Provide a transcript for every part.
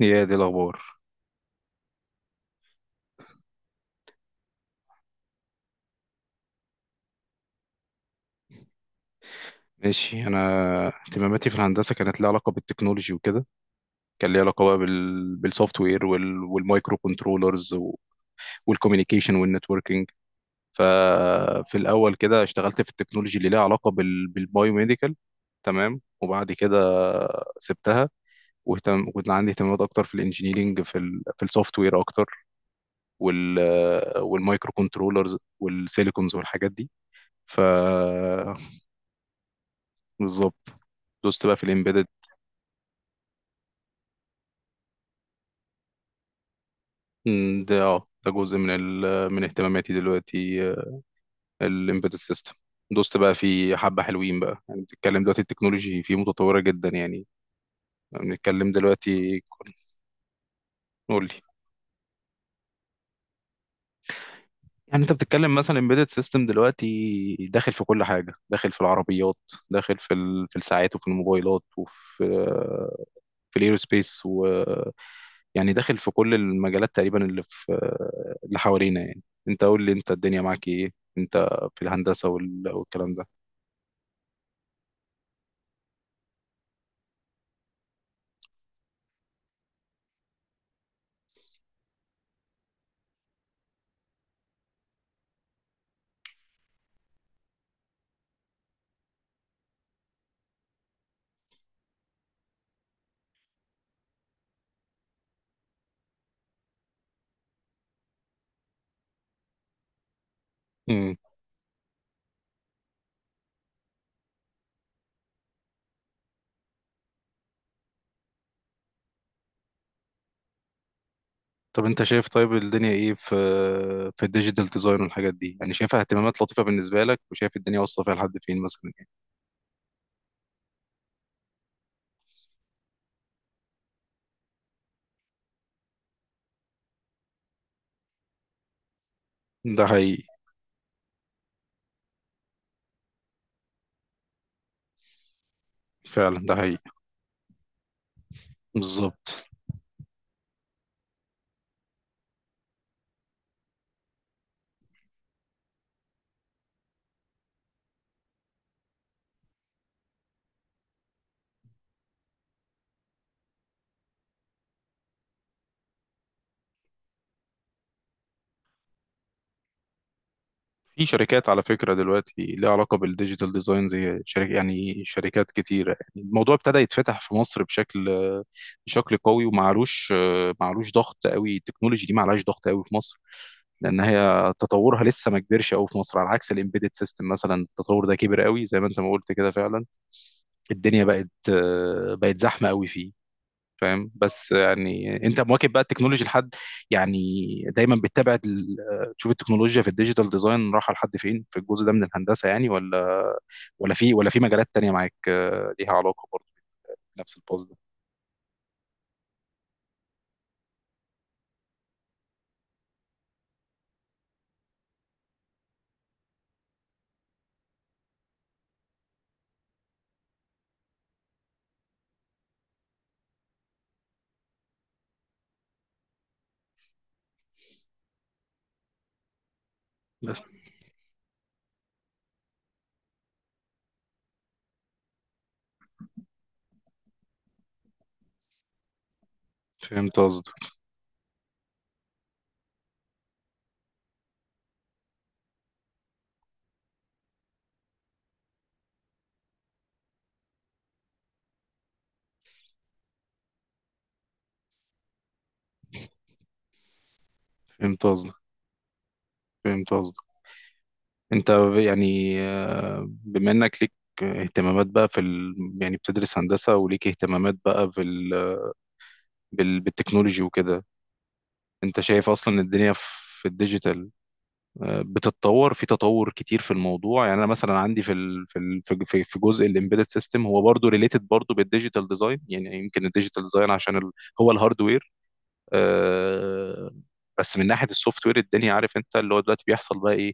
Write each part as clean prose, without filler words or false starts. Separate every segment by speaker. Speaker 1: يا دي الأخبار. ماشي، أنا اهتماماتي في الهندسة كانت ليها علاقة بالتكنولوجي وكده. كان ليها علاقة بقى بالسوفت وير والمايكرو كنترولرز والكوميونيكيشن والنتوركينج. ففي الأول كده اشتغلت في التكنولوجي اللي ليها علاقة بالبايوميديكال. تمام، وبعد كده سبتها. كنت عندي اهتمامات اكتر في الانجينيرينج في السوفت وير اكتر، وال والمايكرو كنترولرز والسيليكونز والحاجات دي. ف بالظبط، دوست بقى في الامبيدد. ده جزء من اهتماماتي دلوقتي، الامبيدد سيستم. دوست بقى في حبة حلوين بقى. يعني بتتكلم دلوقتي، التكنولوجي فيه متطورة جدا يعني. بنتكلم دلوقتي. قول لي. يعني انت بتتكلم مثلا امبيدد سيستم دلوقتي داخل في كل حاجة، داخل في العربيات، داخل في الساعات، وفي الموبايلات، وفي آه، في الايروسبيس، و... يعني داخل في كل المجالات تقريبا اللي حوالينا يعني. انت قول لي، انت الدنيا معاك ايه؟ انت في الهندسة والكلام ده. امم. طب انت شايف، طيب الدنيا ايه في الديجيتال ديزاين والحاجات دي؟ يعني شايفها اهتمامات لطيفة بالنسبة لك، وشايف الدنيا واصلة فيها لحد فين مثلا يعني؟ ده حقيقي. فعلا ده حقيقي. بالظبط. في شركات على فكرة دلوقتي ليها علاقة بالديجيتال ديزاين، زي شركة، يعني شركات كتيرة. يعني الموضوع ابتدى يتفتح في مصر بشكل قوي. ومعلوش، ضغط قوي، التكنولوجي دي معلهاش ضغط قوي في مصر، لان هي تطورها لسه ما كبرش قوي في مصر، على عكس الامبيدد سيستم مثلا، التطور ده كبر قوي زي ما انت ما قلت كده فعلا. الدنيا بقت زحمه قوي فيه. فاهم؟ بس يعني انت مواكب بقى التكنولوجي لحد، يعني، دايما بتتابع تشوف التكنولوجيا في الديجيتال ديزاين رايحه لحد فين في الجزء ده من الهندسه يعني؟ ولا، ولا في مجالات تانية معاك ليها علاقه برضه بنفس الباز ده؟ بس. فهمت قصدك. فهمت قصدك. فهمت قصدك. انت يعني، بما انك ليك اهتمامات بقى في ال... يعني بتدرس هندسة وليك اهتمامات بقى بالتكنولوجي وكده. انت شايف اصلا الدنيا في الديجيتال بتتطور، في تطور كتير في الموضوع يعني؟ انا مثلا عندي في ال في ال في في في جزء الامبيدد سيستم، هو برضه ريليتد برضه بالديجيتال ديزاين، يعني يمكن الديجيتال ديزاين عشان ال هو الهاردوير. آه، بس من ناحيه السوفت وير، الدنيا عارف انت اللي هو دلوقتي بيحصل بقى ايه؟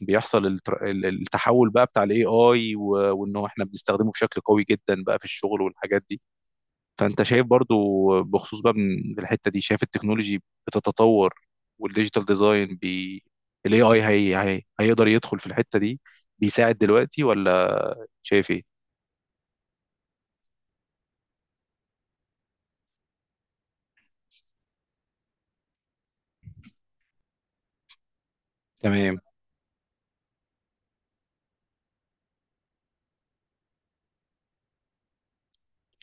Speaker 1: بيحصل التحول بقى بتاع الاي اي، وان هو احنا بنستخدمه بشكل قوي جدا بقى في الشغل والحاجات دي. فانت شايف برضو بخصوص بقى من الحته دي، شايف التكنولوجي بتتطور، والديجيتال ديزاين الاي اي هيقدر يدخل في الحته دي، بيساعد دلوقتي ولا؟ شايف ايه؟ تمام،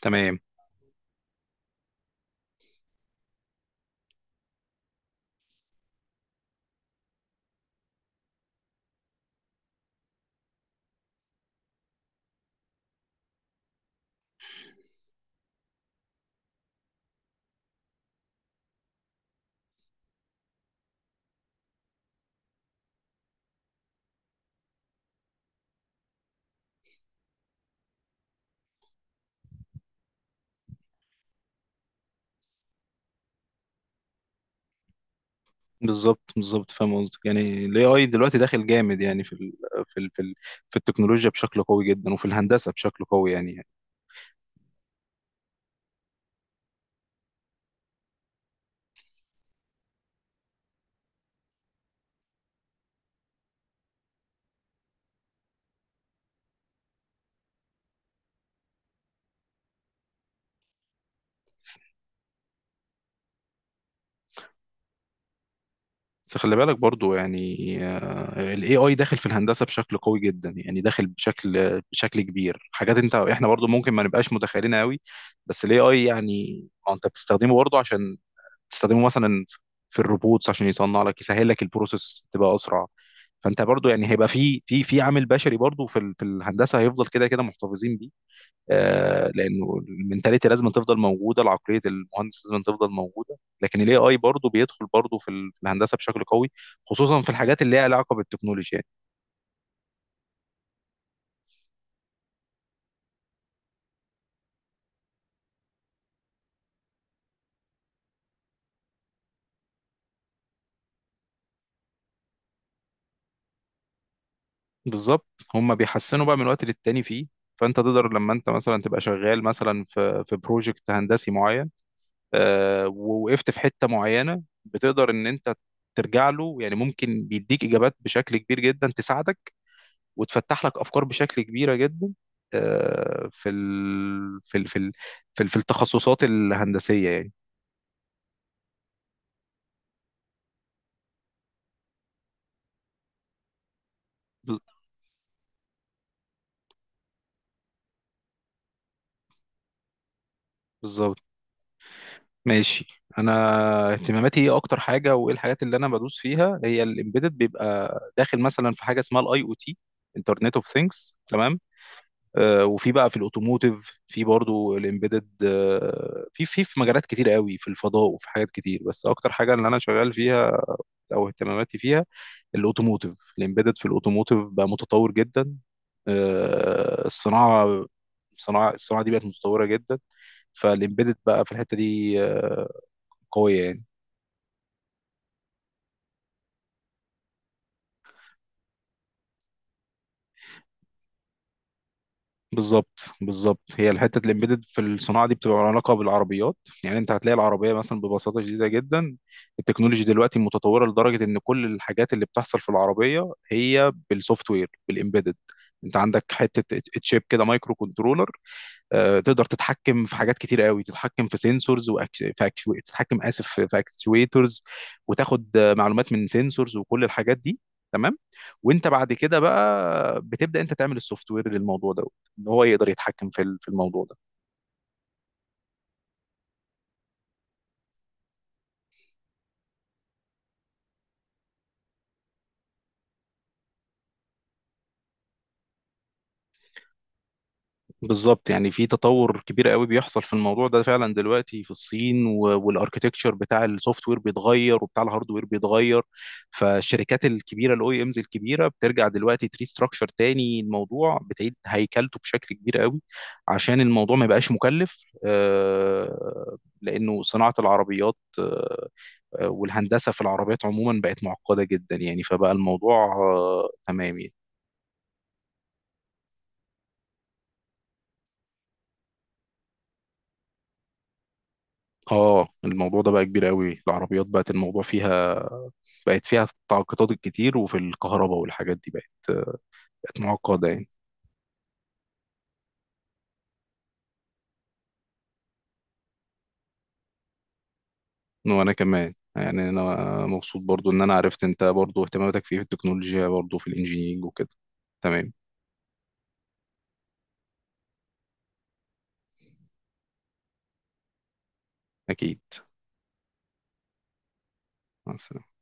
Speaker 1: تمام. بالظبط، بالظبط، فاهم قصدك. يعني الاي اي دلوقتي داخل جامد يعني في ال... في ال... في التكنولوجيا بشكل قوي جدا، وفي الهندسه بشكل قوي يعني. بس خلي بالك برضو، يعني، ال AI داخل في الهندسة بشكل قوي جدا، يعني داخل بشكل كبير، حاجات احنا برضو ممكن ما نبقاش متخيلين قوي. بس ال AI، يعني ما انت بتستخدمه برضو عشان تستخدمه مثلا في الروبوتس عشان يصنع لك يسهل لك البروسيس تبقى اسرع. فانت برضو يعني هيبقى في عامل بشري برضو في الهندسة، هيفضل كده كده محتفظين بيه. لانه المنتاليتي لازم تفضل موجوده، العقليه المهندس لازم تفضل موجوده، لكن الاي اي برضه بيدخل برضه في الهندسه بشكل قوي، خصوصا في الحاجات اللي ليها علاقه بالتكنولوجيا يعني. بالظبط، هم بيحسنوا بقى من وقت للتاني فيه. فانت تقدر لما انت مثلا تبقى شغال مثلا في بروجكت هندسي معين، ووقفت في حته معينه، بتقدر ان انت ترجع له. يعني ممكن بيديك اجابات بشكل كبير جدا تساعدك، وتفتح لك افكار بشكل كبيره جدا آه، في ال... في ال... في ال... في التخصصات الهندسيه يعني. بز- بالظبط. ماشي، انا اهتماماتي ايه اكتر حاجه، وايه الحاجات اللي انا بدوس فيها؟ هي الامبيدد بيبقى داخل مثلا في حاجه اسمها الاي او تي، انترنت اوف ثينجز، تمام؟ وفي بقى في الاوتوموتيف، في برضو الامبيدد، في مجالات كتير قوي، في الفضاء وفي حاجات كتير. بس اكتر حاجه اللي انا شغال فيها او اهتماماتي فيها، الاوتوموتيف. الامبيدد في الاوتوموتيف بقى متطور جدا. الصناعه، الصناعه دي بقت متطوره جدا، فالامبيدد بقى في الحته دي قويه يعني. بالظبط، بالظبط، هي الحته الامبيدد في الصناعه دي بتبقى لها علاقه بالعربيات. يعني انت هتلاقي العربيه مثلا ببساطه شديده جدا، التكنولوجي دلوقتي متطوره لدرجه ان كل الحاجات اللي بتحصل في العربيه هي بالسوفت وير، بالامبيدد. انت عندك حته تشيب كده، مايكرو كنترولر، تقدر تتحكم في حاجات كتير قوي، تتحكم في سنسورز، تتحكم، اسف، في اكتويترز، وتاخد معلومات من سنسورز وكل الحاجات دي. تمام. وانت بعد كده بقى بتبدا انت تعمل السوفت وير للموضوع ده، ان هو يقدر يتحكم في الموضوع ده. بالظبط، يعني في تطور كبير قوي بيحصل في الموضوع ده فعلا دلوقتي في الصين، والاركتكتشر بتاع السوفت وير بيتغير، وبتاع الهارد وير بيتغير. فالشركات الكبيره، الاو اي امز الكبيره، بترجع دلوقتي تريستراكشر تاني، الموضوع بتعيد هيكلته بشكل كبير قوي، عشان الموضوع ما يبقاش مكلف. لانه صناعه العربيات والهندسه في العربيات عموما بقت معقده جدا يعني، فبقى الموضوع تمام يعني. اه، الموضوع ده بقى كبير قوي. العربيات بقت الموضوع فيها، بقت فيها التعاقدات الكتير، وفي الكهرباء والحاجات دي بقت معقدة يعني. وانا كمان يعني، انا مبسوط برضو ان انا عرفت انت برضو اهتماماتك في التكنولوجيا، برضو في الانجينيرينج وكده. تمام. اكيد. مع السلامة.